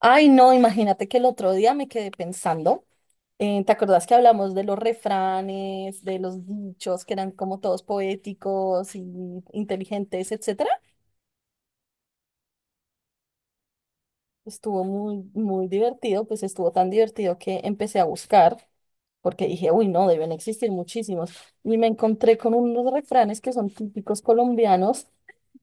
Ay, no, imagínate que el otro día me quedé pensando. ¿Te acordás que hablamos de los refranes, de los dichos que eran como todos poéticos y inteligentes, etcétera? Estuvo muy, muy divertido, pues estuvo tan divertido que empecé a buscar, porque dije, uy, no, deben existir muchísimos. Y me encontré con unos refranes que son típicos colombianos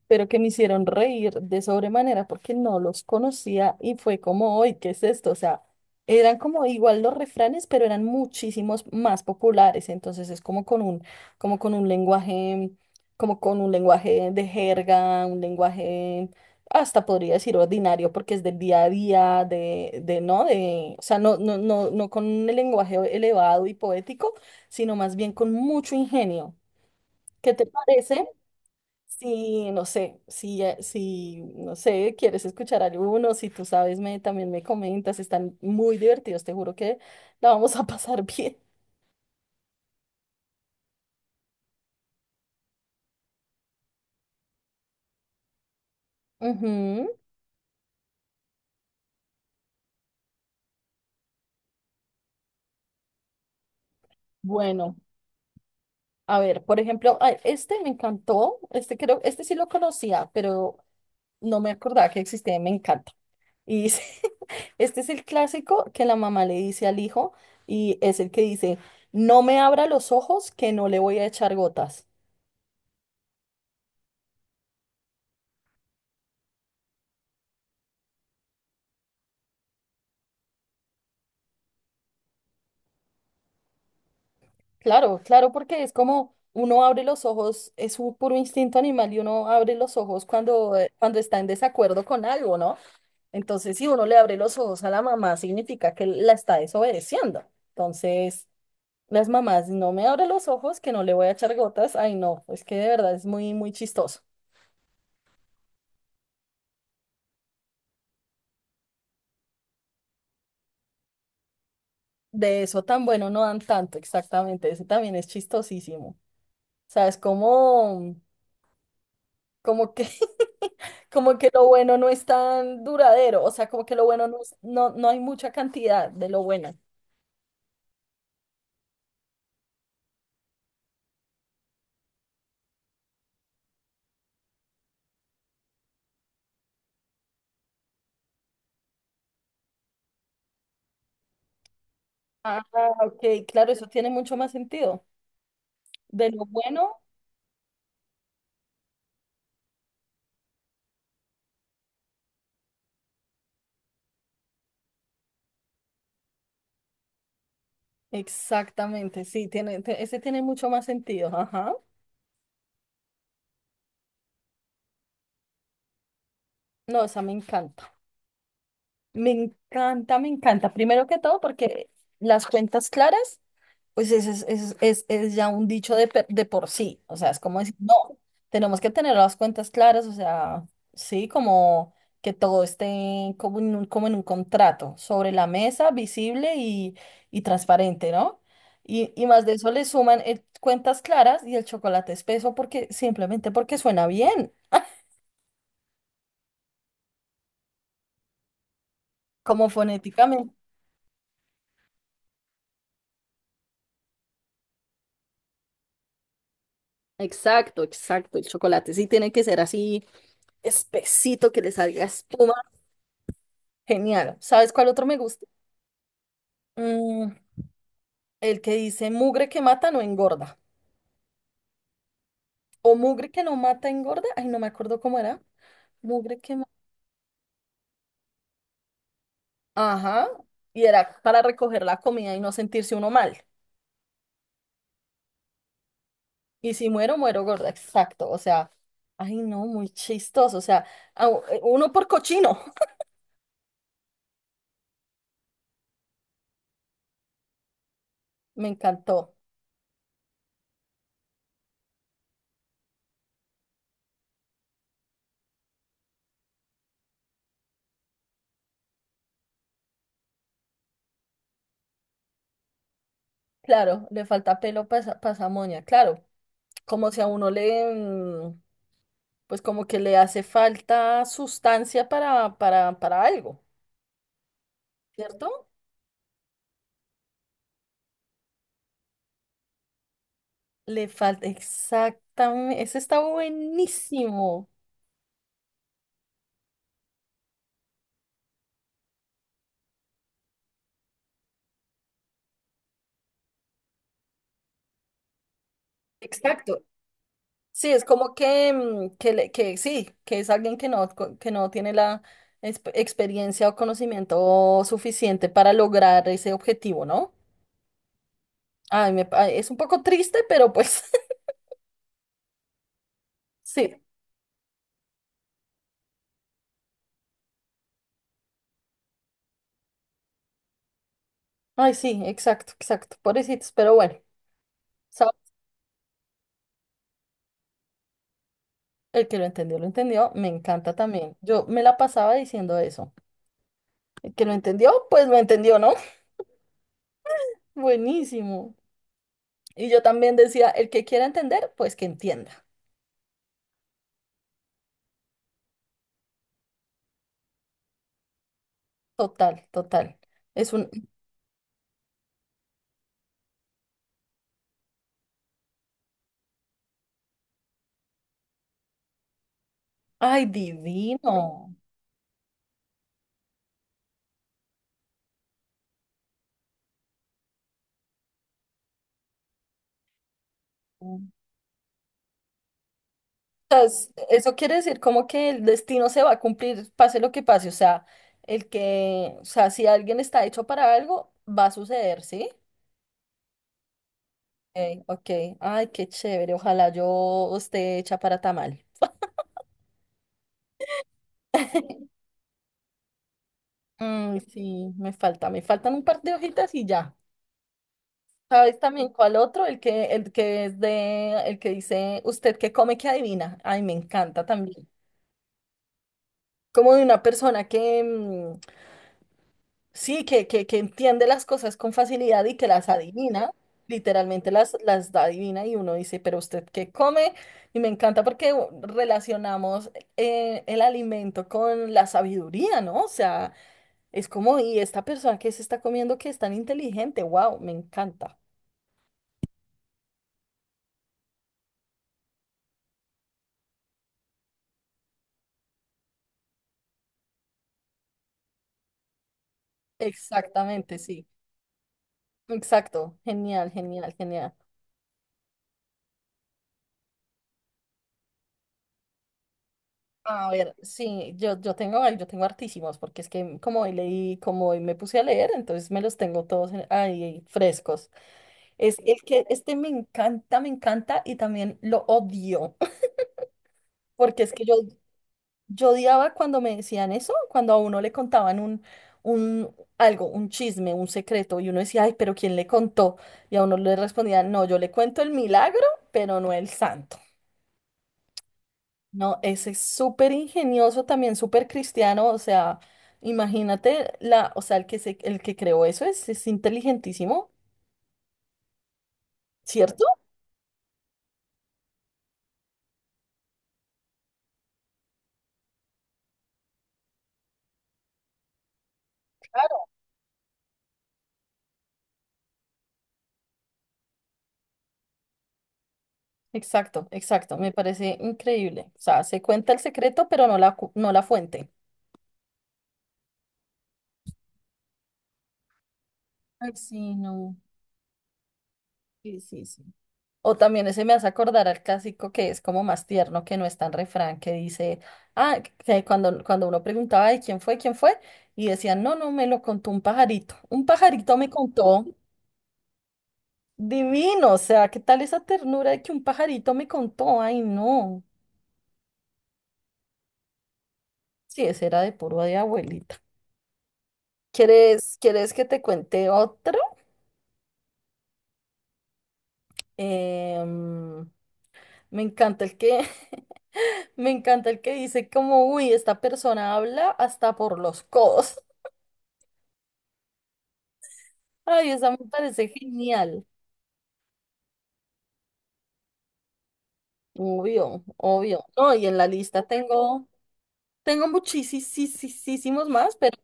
pero que me hicieron reír de sobremanera porque no los conocía y fue como, hoy, ¿qué es esto? O sea, eran como igual los refranes, pero eran muchísimos más populares, entonces es como con un, como con un lenguaje, como con un lenguaje de jerga, un lenguaje hasta podría decir ordinario porque es del día a día, de no, de, o sea, no, no, no, no con el lenguaje elevado y poético, sino más bien con mucho ingenio. ¿Qué te parece? Si, no sé, si, si, no sé, quieres escuchar alguno, si tú sabes, también me comentas, están muy divertidos, te juro que la vamos a pasar bien. Ujú. Bueno, a ver, por ejemplo, ay, este me encantó, este creo, este sí lo conocía, pero no me acordaba que existía, y me encanta. Y dice, este es el clásico que la mamá le dice al hijo y es el que dice, no me abra los ojos que no le voy a echar gotas. Claro, claro, porque es como uno abre los ojos, es un puro instinto animal y uno abre los ojos cuando, cuando está en desacuerdo con algo, ¿no? Entonces, si uno le abre los ojos a la mamá, significa que la está desobedeciendo. Entonces, las mamás, no me abre los ojos, que no le voy a echar gotas. Ay, no, es que de verdad es muy, muy chistoso. De eso tan bueno no dan tanto, exactamente. Ese también es chistosísimo. O sea, es como, como que como que lo bueno no es tan duradero, o sea, como que lo bueno no, no, no hay mucha cantidad de lo bueno. Ah, ok, claro, eso tiene mucho más sentido. De lo bueno, exactamente, sí, tiene, ese tiene mucho más sentido, ajá. No, esa me encanta, me encanta, me encanta. Primero que todo, porque las cuentas claras, pues ese es, es ya un dicho de por sí, o sea, es como decir, no, tenemos que tener las cuentas claras, o sea, sí, como que todo esté como en un contrato, sobre la mesa, visible y transparente, ¿no? Y más de eso le suman cuentas claras y el chocolate espeso porque simplemente porque suena bien, como fonéticamente. Exacto, exacto, el chocolate sí tiene que ser así espesito, que le salga espuma. Genial. ¿Sabes cuál otro me gusta? Mm, el que dice mugre que mata no engorda. O mugre que no mata engorda. Ay, no me acuerdo cómo era. Mugre que mata. Ajá. Y era para recoger la comida y no sentirse uno mal. Y si muero, muero gorda. Exacto. O sea, ay, no, muy chistoso. O sea, uno por cochino. Me encantó. Claro, le falta pelo para esa moña. Claro, como si a uno le, mm, pues como que le hace falta sustancia para algo, ¿cierto? Le falta, exactamente, ese está buenísimo. Exacto. Sí, es como que, mm, que, que sí, que es alguien que no, que no tiene la experiencia o conocimiento suficiente para lograr ese objetivo, ¿no? Ay, me, es un poco triste, pero pues sí. Ay, sí, exacto, exacto. Pobrecitos, pero bueno, ¿sabes? El que lo entendió, lo entendió. Me encanta también. Yo me la pasaba diciendo eso. El que lo entendió, pues lo entendió, ¿no? Buenísimo. Y yo también decía, el que quiera entender, pues que entienda. Total, total. Es un, ay, divino. O sea, eso quiere decir como que el destino se va a cumplir, pase lo que pase. O sea, o sea, si alguien está hecho para algo, va a suceder, ¿sí? Ok, ok. Ay, qué chévere. Ojalá yo esté hecha para tamal. Mm, sí, me falta, me faltan un par de hojitas y ya. ¿Sabes también cuál otro? El que dice, usted que come, que adivina. Ay, me encanta también. Como de una persona que mm, sí, que entiende las cosas con facilidad y que las adivina, literalmente las da adivina y uno dice, pero usted qué come, y me encanta porque relacionamos el alimento con la sabiduría, ¿no? O sea, es como, y esta persona que se está comiendo que es tan inteligente, wow, me encanta. Exactamente, sí. Exacto, genial, genial, genial. A ver, sí, yo tengo hartísimos, porque es que como hoy leí, como hoy me puse a leer, entonces me los tengo todos ahí frescos. Es el que este me encanta y también lo odio, porque es que yo odiaba cuando me decían eso, cuando a uno le contaban un algo, un chisme, un secreto, y uno decía, ay, pero ¿quién le contó? Y a uno le respondían, no, yo le cuento el milagro, pero no el santo. No, ese es súper ingenioso también, súper cristiano, o sea, imagínate la, o sea, el que creó eso es inteligentísimo, ¿cierto? Claro. Exacto, exacto, me parece increíble. O sea, se cuenta el secreto, pero no la, no la fuente. Ay, sí, no. Sí, sí, sí. O también ese me hace acordar al clásico que es como más tierno, que no es tan refrán, que dice, ah, que cuando, cuando uno preguntaba de quién fue, y decían, no, no, me lo contó un pajarito. Un pajarito me contó. Divino, o sea, ¿qué tal esa ternura de que un pajarito me contó? Ay, no. Sí, ese era de puro de abuelita. ¿Quieres, quieres que te cuente otro? Em, me encanta el que, me encanta el que dice como, uy, esta persona habla hasta por los codos. Ay, esa me parece genial. Obvio, obvio. No, y en la lista tengo, tengo muchísimos más, pero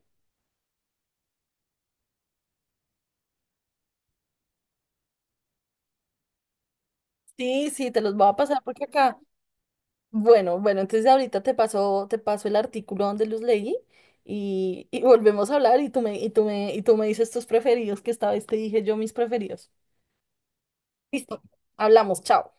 sí, sí, te los voy a pasar porque acá. Bueno, bueno, entonces ahorita te paso el artículo donde los leí y volvemos a hablar y tú me, y tú me dices tus preferidos, que esta vez te dije yo mis preferidos. Listo, hablamos, chao.